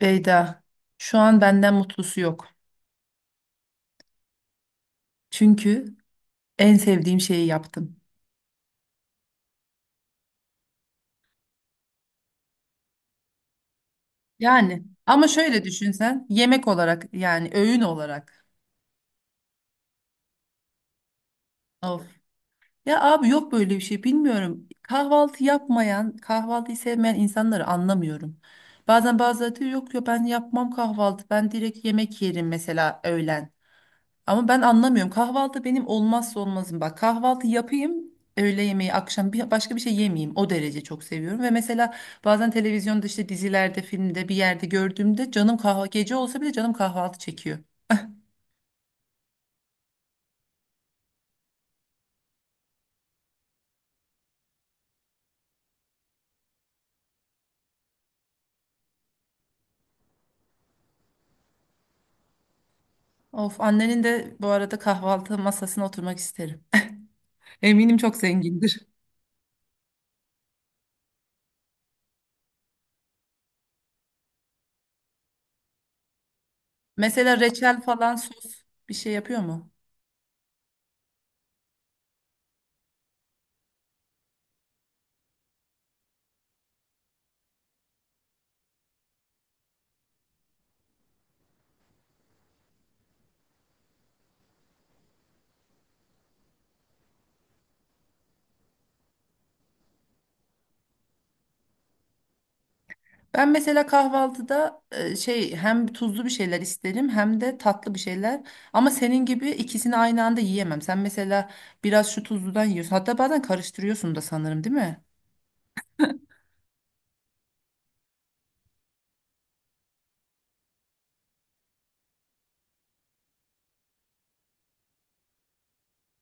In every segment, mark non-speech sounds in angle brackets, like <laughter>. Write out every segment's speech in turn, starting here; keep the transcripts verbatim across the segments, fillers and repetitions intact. Beyda, şu an benden mutlusu yok. Çünkü en sevdiğim şeyi yaptım. Yani ama şöyle düşün sen yemek olarak yani öğün olarak. Of. Ya abi yok böyle bir şey bilmiyorum. Kahvaltı yapmayan, kahvaltıyı sevmeyen insanları anlamıyorum. Bazen bazıları diyor yok ya ben yapmam kahvaltı. Ben direkt yemek yerim mesela öğlen. Ama ben anlamıyorum. Kahvaltı benim olmazsa olmazım. Bak kahvaltı yapayım, öğle yemeği, akşam bir, başka bir şey yemeyeyim. O derece çok seviyorum. Ve mesela bazen televizyonda işte dizilerde, filmde bir yerde gördüğümde canım kahvaltı gece olsa bile canım kahvaltı çekiyor. Of annenin de bu arada kahvaltı masasına oturmak isterim. <laughs> Eminim çok zengindir. Mesela reçel falan sos bir şey yapıyor mu? Ben mesela kahvaltıda e, şey hem tuzlu bir şeyler isterim hem de tatlı bir şeyler. Ama senin gibi ikisini aynı anda yiyemem. Sen mesela biraz şu tuzludan yiyorsun. Hatta bazen karıştırıyorsun da sanırım, değil mi?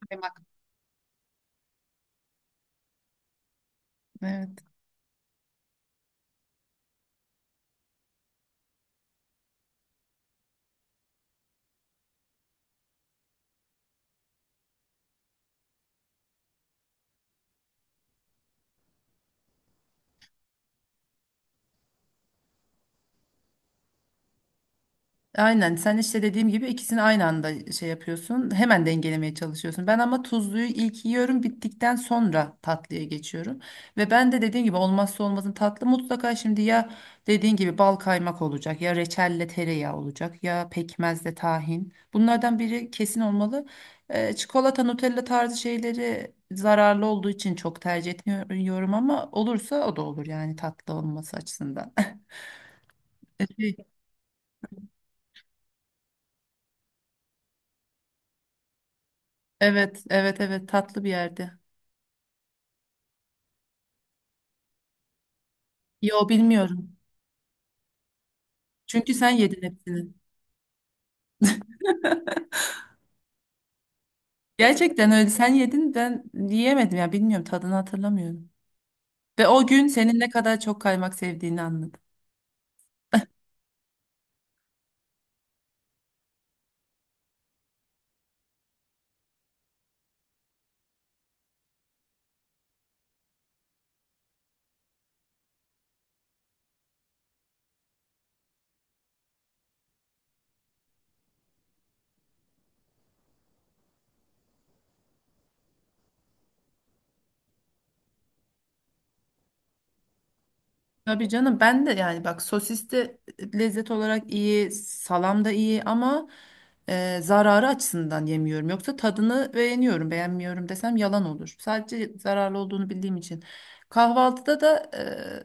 Kaymak. Evet. Aynen sen işte dediğim gibi ikisini aynı anda şey yapıyorsun. Hemen dengelemeye çalışıyorsun. Ben ama tuzluyu ilk yiyorum bittikten sonra tatlıya geçiyorum. Ve ben de dediğim gibi olmazsa olmazın tatlı mutlaka şimdi ya dediğin gibi bal kaymak olacak ya reçelle tereyağı olacak ya pekmezle tahin. Bunlardan biri kesin olmalı. Ee, çikolata Nutella tarzı şeyleri zararlı olduğu için çok tercih etmiyorum ama olursa o da olur yani tatlı olması açısından. <laughs> Şey, evet, evet, evet tatlı bir yerde. Yo bilmiyorum. Çünkü sen yedin hepsini. Gerçekten öyle sen yedin ben yiyemedim ya bilmiyorum tadını hatırlamıyorum. Ve o gün senin ne kadar çok kaymak sevdiğini anladım. Tabii canım ben de yani bak sosis de lezzet olarak iyi, salam da iyi ama e, zararı açısından yemiyorum. Yoksa tadını beğeniyorum, beğenmiyorum desem yalan olur. Sadece zararlı olduğunu bildiğim için. Kahvaltıda da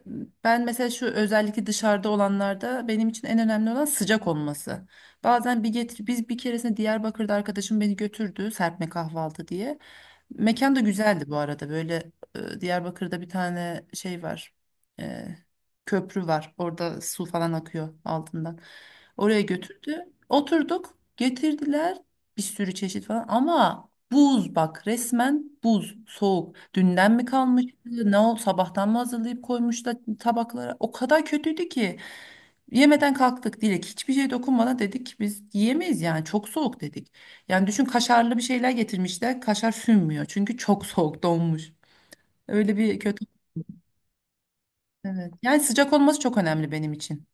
e, ben mesela şu özellikle dışarıda olanlarda benim için en önemli olan sıcak olması. Bazen bir getir biz bir keresinde Diyarbakır'da arkadaşım beni götürdü serpme kahvaltı diye. Mekan da güzeldi bu arada böyle e, Diyarbakır'da bir tane şey var. e, Köprü var. Orada su falan akıyor altından. Oraya götürdü. Oturduk. Getirdiler bir sürü çeşit falan ama buz bak resmen buz soğuk. Dünden mi kalmış? Ne oldu? Sabahtan mı hazırlayıp koymuşlar tabaklara? O kadar kötüydü ki yemeden kalktık Dilek. Hiçbir şey dokunmadan dedik ki biz yiyemeyiz yani çok soğuk dedik. Yani düşün kaşarlı bir şeyler getirmişler. Kaşar sünmüyor çünkü çok <laughs> soğuk donmuş. Öyle bir kötü. Evet. Yani sıcak olması çok önemli benim için.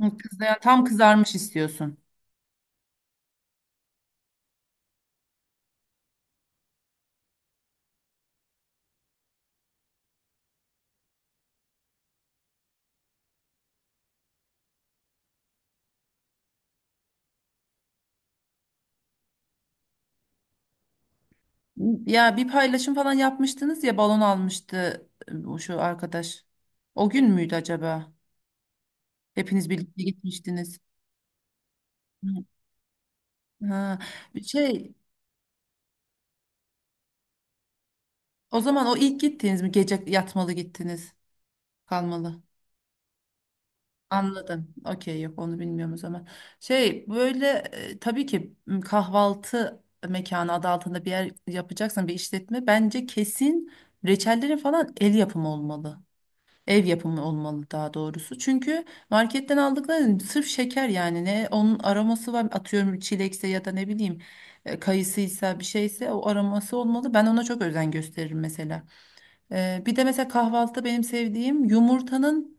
Hı, kız, yani tam kızarmış istiyorsun. Ya bir paylaşım falan yapmıştınız ya balon almıştı e, o şu arkadaş. O gün müydü acaba? Hepiniz birlikte gitmiştiniz. Hı. Ha, şey o zaman o ilk gittiniz mi? Gece yatmalı gittiniz. Kalmalı. Anladım. Okey yok onu bilmiyorum o zaman. Şey böyle e, tabii ki m, kahvaltı mekanı adı altında bir yer yapacaksan bir işletme bence kesin reçellerin falan el yapımı olmalı. Ev yapımı olmalı daha doğrusu. Çünkü marketten aldıkları sırf şeker yani ne onun aroması var. Atıyorum çilekse ya da ne bileyim e, kayısıysa bir şeyse o aroması olmalı. Ben ona çok özen gösteririm mesela. E, bir de mesela kahvaltıda benim sevdiğim yumurtanın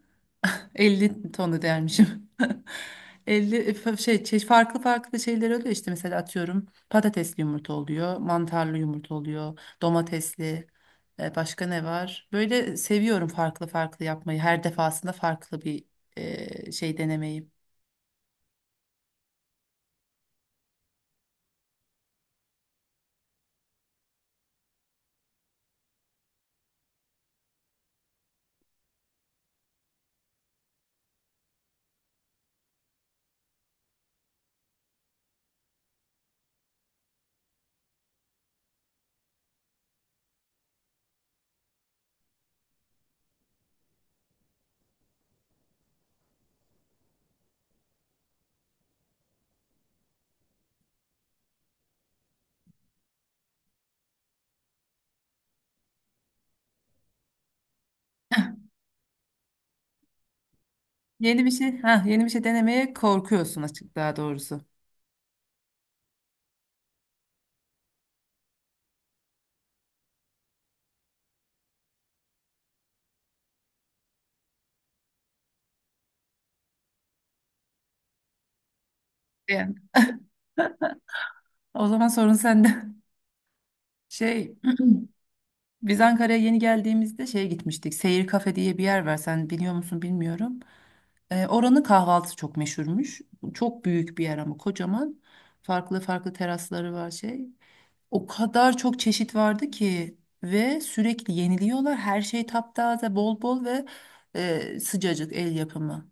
elli tonu dermişim. <laughs> elli fa- şey, çe- farklı farklı şeyler oluyor işte mesela atıyorum patatesli yumurta oluyor, mantarlı yumurta oluyor, domatesli e, başka ne var? Böyle seviyorum farklı farklı yapmayı. Her defasında farklı bir e, şey denemeyi. Yeni bir şey, ha yeni bir şey denemeye korkuyorsun açık daha doğrusu. Yani. O zaman sorun sende. <laughs> Şey, biz Ankara'ya yeni geldiğimizde şeye gitmiştik. Seyir Kafe diye bir yer var. Sen biliyor musun bilmiyorum. Ee, oranın kahvaltısı çok meşhurmuş. Çok büyük bir yer ama kocaman. Farklı farklı terasları var şey. O kadar çok çeşit vardı ki ve sürekli yeniliyorlar. Her şey taptaze, bol bol ve e, sıcacık el yapımı.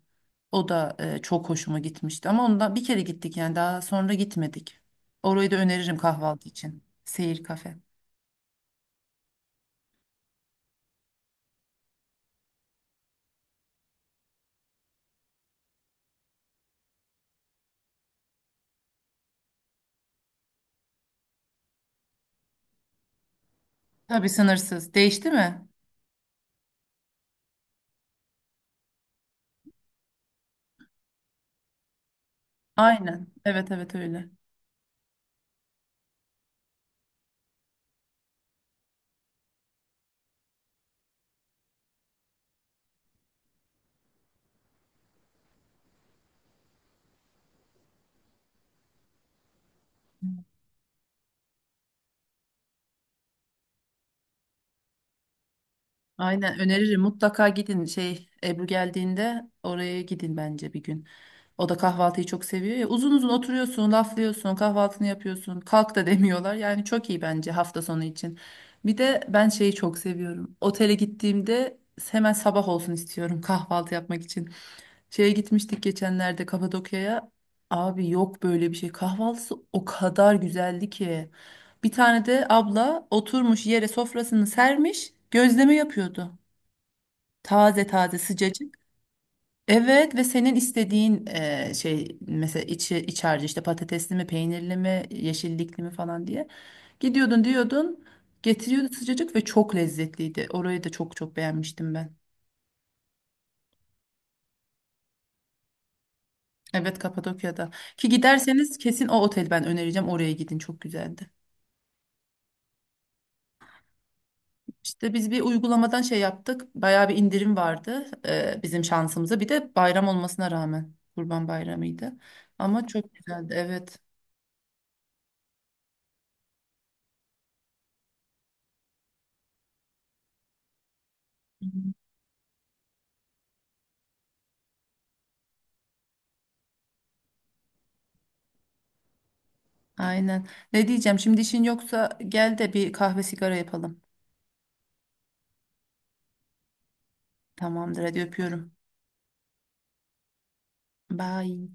O da e, çok hoşuma gitmişti. Ama ondan bir kere gittik yani daha sonra gitmedik. Orayı da öneririm kahvaltı için. Seyir Kafe. Tabii sınırsız. Değişti mi? Aynen. Evet, evet öyle. Aynen öneririm. Mutlaka gidin şey Ebru geldiğinde oraya gidin bence bir gün. O da kahvaltıyı çok seviyor ya. Uzun uzun oturuyorsun, laflıyorsun, kahvaltını yapıyorsun. Kalk da <laughs> demiyorlar. Yani çok iyi bence hafta sonu için. Bir de ben şeyi çok seviyorum. Otele gittiğimde hemen sabah olsun istiyorum kahvaltı yapmak için. Şeye gitmiştik geçenlerde Kapadokya'ya. Abi yok böyle bir şey. Kahvaltısı o kadar güzeldi ki. Bir tane de abla oturmuş yere sofrasını sermiş, gözleme yapıyordu. Taze taze sıcacık. Evet ve senin istediğin e, şey mesela içi iç harcı işte patatesli mi, peynirli mi, yeşillikli mi falan diye. Gidiyordun diyordun, getiriyordu sıcacık ve çok lezzetliydi. Orayı da çok çok beğenmiştim ben. Evet, Kapadokya'da. Ki giderseniz kesin o otel ben önereceğim. Oraya gidin çok güzeldi. İşte biz bir uygulamadan şey yaptık. Bayağı bir indirim vardı e, bizim şansımıza. Bir de bayram olmasına rağmen. Kurban Bayramı'ydı. Ama çok güzeldi evet. Aynen. Ne diyeceğim şimdi işin yoksa gel de bir kahve sigara yapalım. Tamamdır hadi öpüyorum. Bye.